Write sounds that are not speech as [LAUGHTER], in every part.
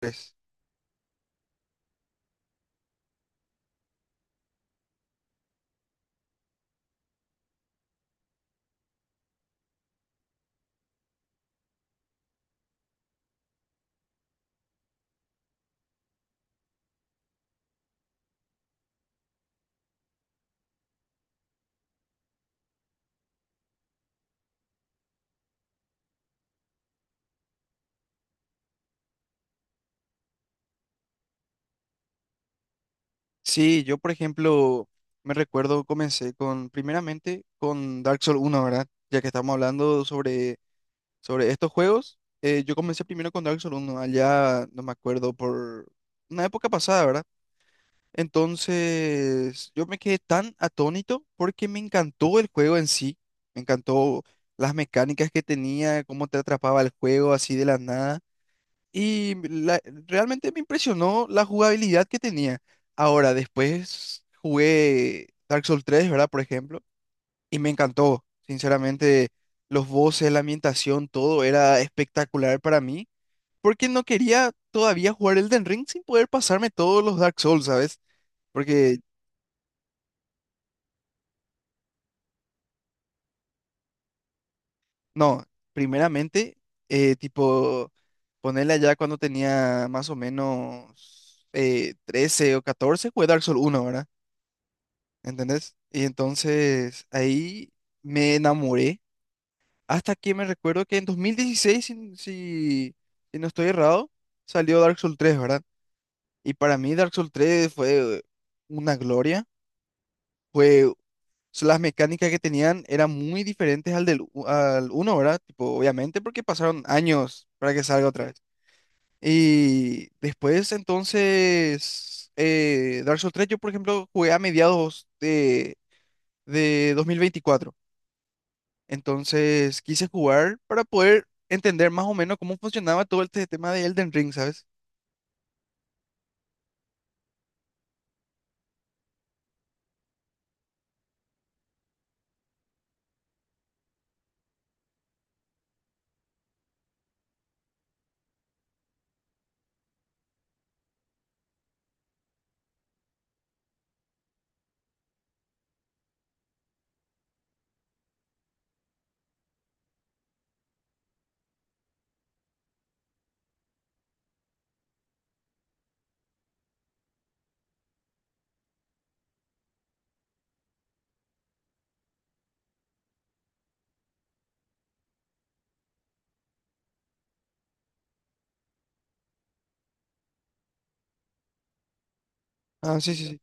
Pues, Sí, yo por ejemplo me recuerdo comencé con, primeramente con Dark Souls uno, ¿verdad? Ya que estamos hablando sobre estos juegos, yo comencé primero con Dark Souls uno allá, no me acuerdo, por una época pasada, ¿verdad? Entonces yo me quedé tan atónito porque me encantó el juego en sí, me encantó las mecánicas que tenía, cómo te atrapaba el juego así de la nada. Y realmente me impresionó la jugabilidad que tenía. Ahora, después jugué Dark Souls tres, ¿verdad? Por ejemplo, y me encantó. Sinceramente, los voces, la ambientación, todo era espectacular para mí, porque no quería todavía jugar Elden Ring sin poder pasarme todos los Dark Souls, ¿sabes? Porque, no, primeramente, tipo, ponerle allá cuando tenía más o menos 13 o 14, jugué Dark Souls uno, ¿verdad? ¿Entendés? Y entonces ahí me enamoré. Hasta que me recuerdo que en 2016, si no estoy errado, salió Dark Souls tres, ¿verdad? Y para mí Dark Souls tres fue una gloria. Fue, so, las mecánicas que tenían eran muy diferentes al uno, ¿verdad? Tipo, obviamente porque pasaron años para que salga otra vez. Y después entonces Dark Souls tres yo por ejemplo jugué a mediados de 2024. Entonces quise jugar para poder entender más o menos cómo funcionaba todo este tema de Elden Ring, ¿sabes? Ah, sí, sí, sí.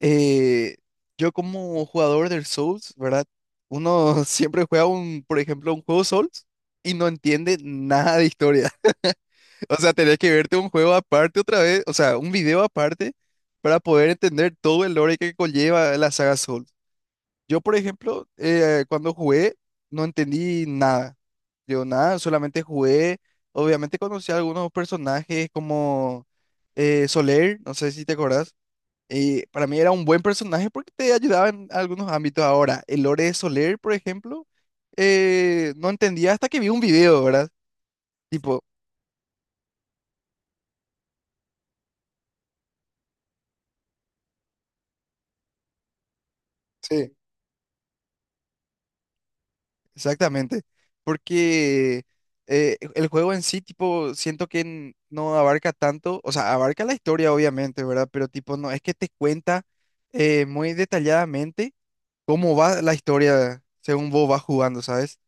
Eh, yo como jugador del Souls, ¿verdad? Uno [LAUGHS] siempre juega un, por ejemplo, un juego Souls, y no entiende nada de historia. [LAUGHS] O sea, tenés que verte un juego aparte otra vez, o sea, un video aparte para poder entender todo el lore que conlleva la saga Souls. Yo, por ejemplo, cuando jugué, no entendí nada. Yo nada, solamente jugué. Obviamente conocí a algunos personajes como Soler, no sé si te acordás. Y para mí era un buen personaje porque te ayudaba en algunos ámbitos. Ahora, el lore de Soler, por ejemplo, no entendía hasta que vi un video, ¿verdad? Tipo, sí. Exactamente, porque el juego en sí, tipo, siento que no abarca tanto, o sea, abarca la historia obviamente, ¿verdad? Pero tipo, no es que te cuenta muy detalladamente cómo va la historia según vos vas jugando, ¿sabes?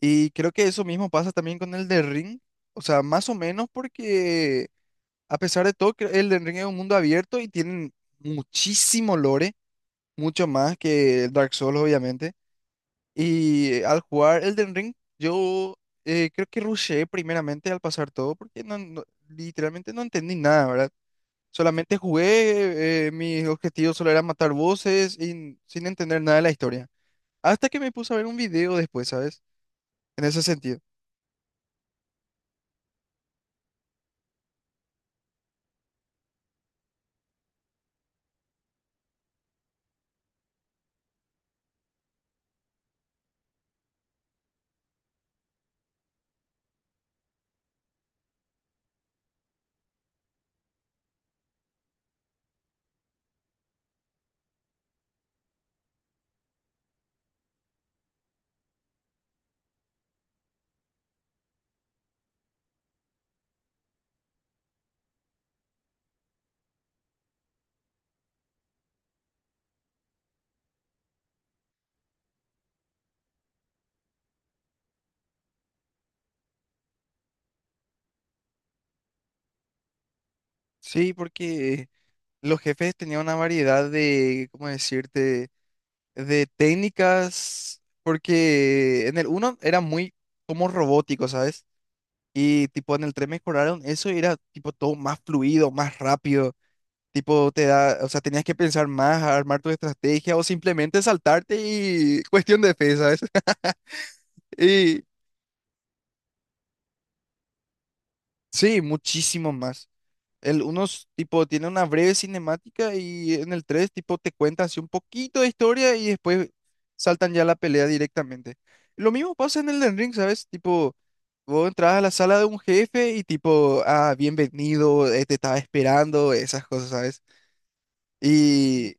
Y creo que eso mismo pasa también con el de Ring, o sea, más o menos porque a pesar de todo, el de Ring es un mundo abierto y tienen muchísimo lore, mucho más que el Dark Souls, obviamente. Y al jugar Elden Ring, yo creo que rushé primeramente al pasar todo porque literalmente no entendí nada, ¿verdad? Solamente jugué, mis objetivos solo eran matar voces y sin entender nada de la historia. Hasta que me puse a ver un video después, ¿sabes? En ese sentido. Sí, porque los jefes tenían una variedad de, ¿cómo decirte? De técnicas, porque en el uno era muy como robótico, ¿sabes? Y tipo en el tren mejoraron eso y era tipo todo más fluido, más rápido. Tipo te da, o sea, tenías que pensar más, armar tu estrategia o simplemente saltarte y [LAUGHS] cuestión de fe, sabes. [LAUGHS] Y sí, muchísimo más. El 1 tipo tiene una breve cinemática, y en el 3 tipo te cuenta así un poquito de historia y después saltan ya a la pelea directamente. Lo mismo pasa en el Elden Ring, ¿sabes? Tipo, vos entras a la sala de un jefe y tipo, ah, bienvenido, te estaba esperando, esas cosas, ¿sabes? Y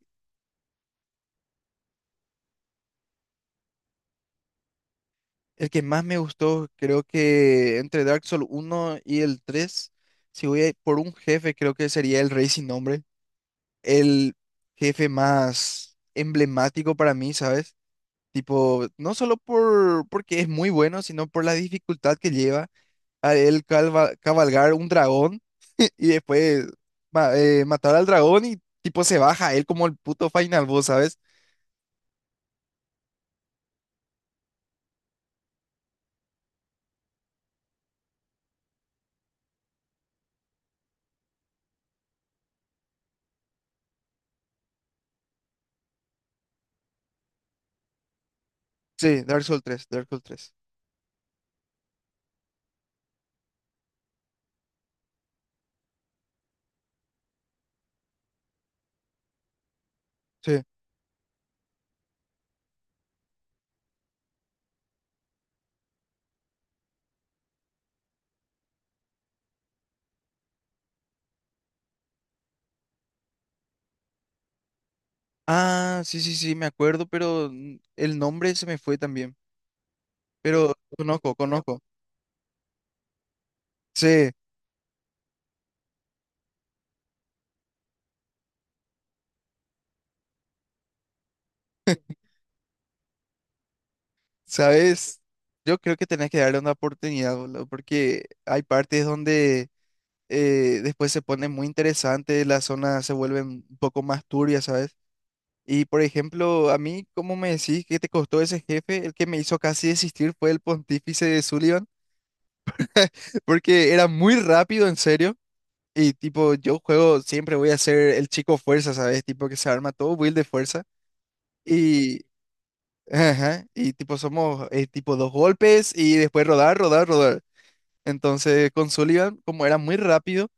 el que más me gustó, creo que entre Dark Souls uno y el tres, si voy a ir por un jefe, creo que sería el Rey Sin Nombre, el jefe más emblemático para mí, ¿sabes? Tipo, no solo porque es muy bueno, sino por la dificultad que lleva a él cabalgar un dragón [LAUGHS] y después matar al dragón, y tipo se baja él como el puto final boss, ¿sabes? Sí, Dark Souls tres. Sí. Ah, sí, sí, sí, me acuerdo, pero el nombre se me fue también. Pero conozco, conozco. Sí, ¿sabes? Yo creo que tenés que darle una oportunidad, boludo, porque hay partes donde después se pone muy interesante, las zonas se vuelven un poco más turbias, ¿sabes? Y por ejemplo, a mí, ¿cómo me decís que te costó ese jefe? El que me hizo casi desistir fue el pontífice de Sullivan, [LAUGHS] porque era muy rápido, en serio. Y tipo, yo juego, siempre voy a ser el chico fuerza, ¿sabes? Tipo que se arma todo build de fuerza. Y, ajá, y tipo, somos tipo dos golpes y después rodar, rodar, rodar. Entonces, con Sullivan, como era muy rápido.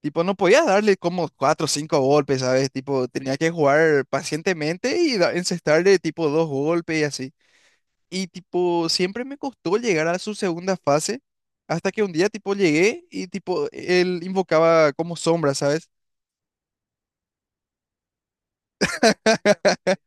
Tipo, no podías darle como cuatro o cinco golpes, ¿sabes? Tipo, tenía que jugar pacientemente y encestarle tipo dos golpes y así. Y tipo, siempre me costó llegar a su segunda fase hasta que un día tipo llegué y tipo, él invocaba como sombra, ¿sabes? [LAUGHS]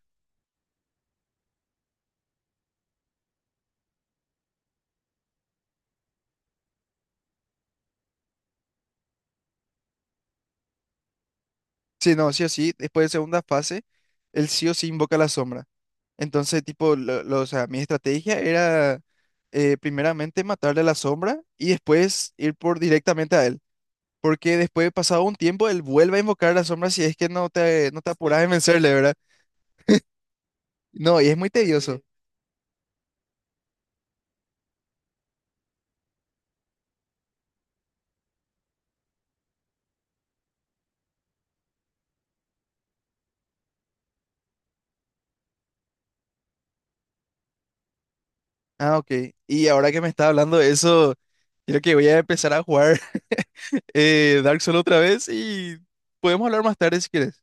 Sí, no, sí o sí, después de segunda fase, él sí o sí invoca la sombra. Entonces, tipo, o sea, mi estrategia era primeramente matarle a la sombra y después ir por directamente a él. Porque después, pasado un tiempo, él vuelve a invocar la sombra si es que no te apuras en, sí, vencerle, ¿verdad? No, y es muy tedioso. Sí. Ah, ok. Y ahora que me está hablando de eso, creo que voy a empezar a jugar [LAUGHS] Dark Souls otra vez y podemos hablar más tarde si quieres.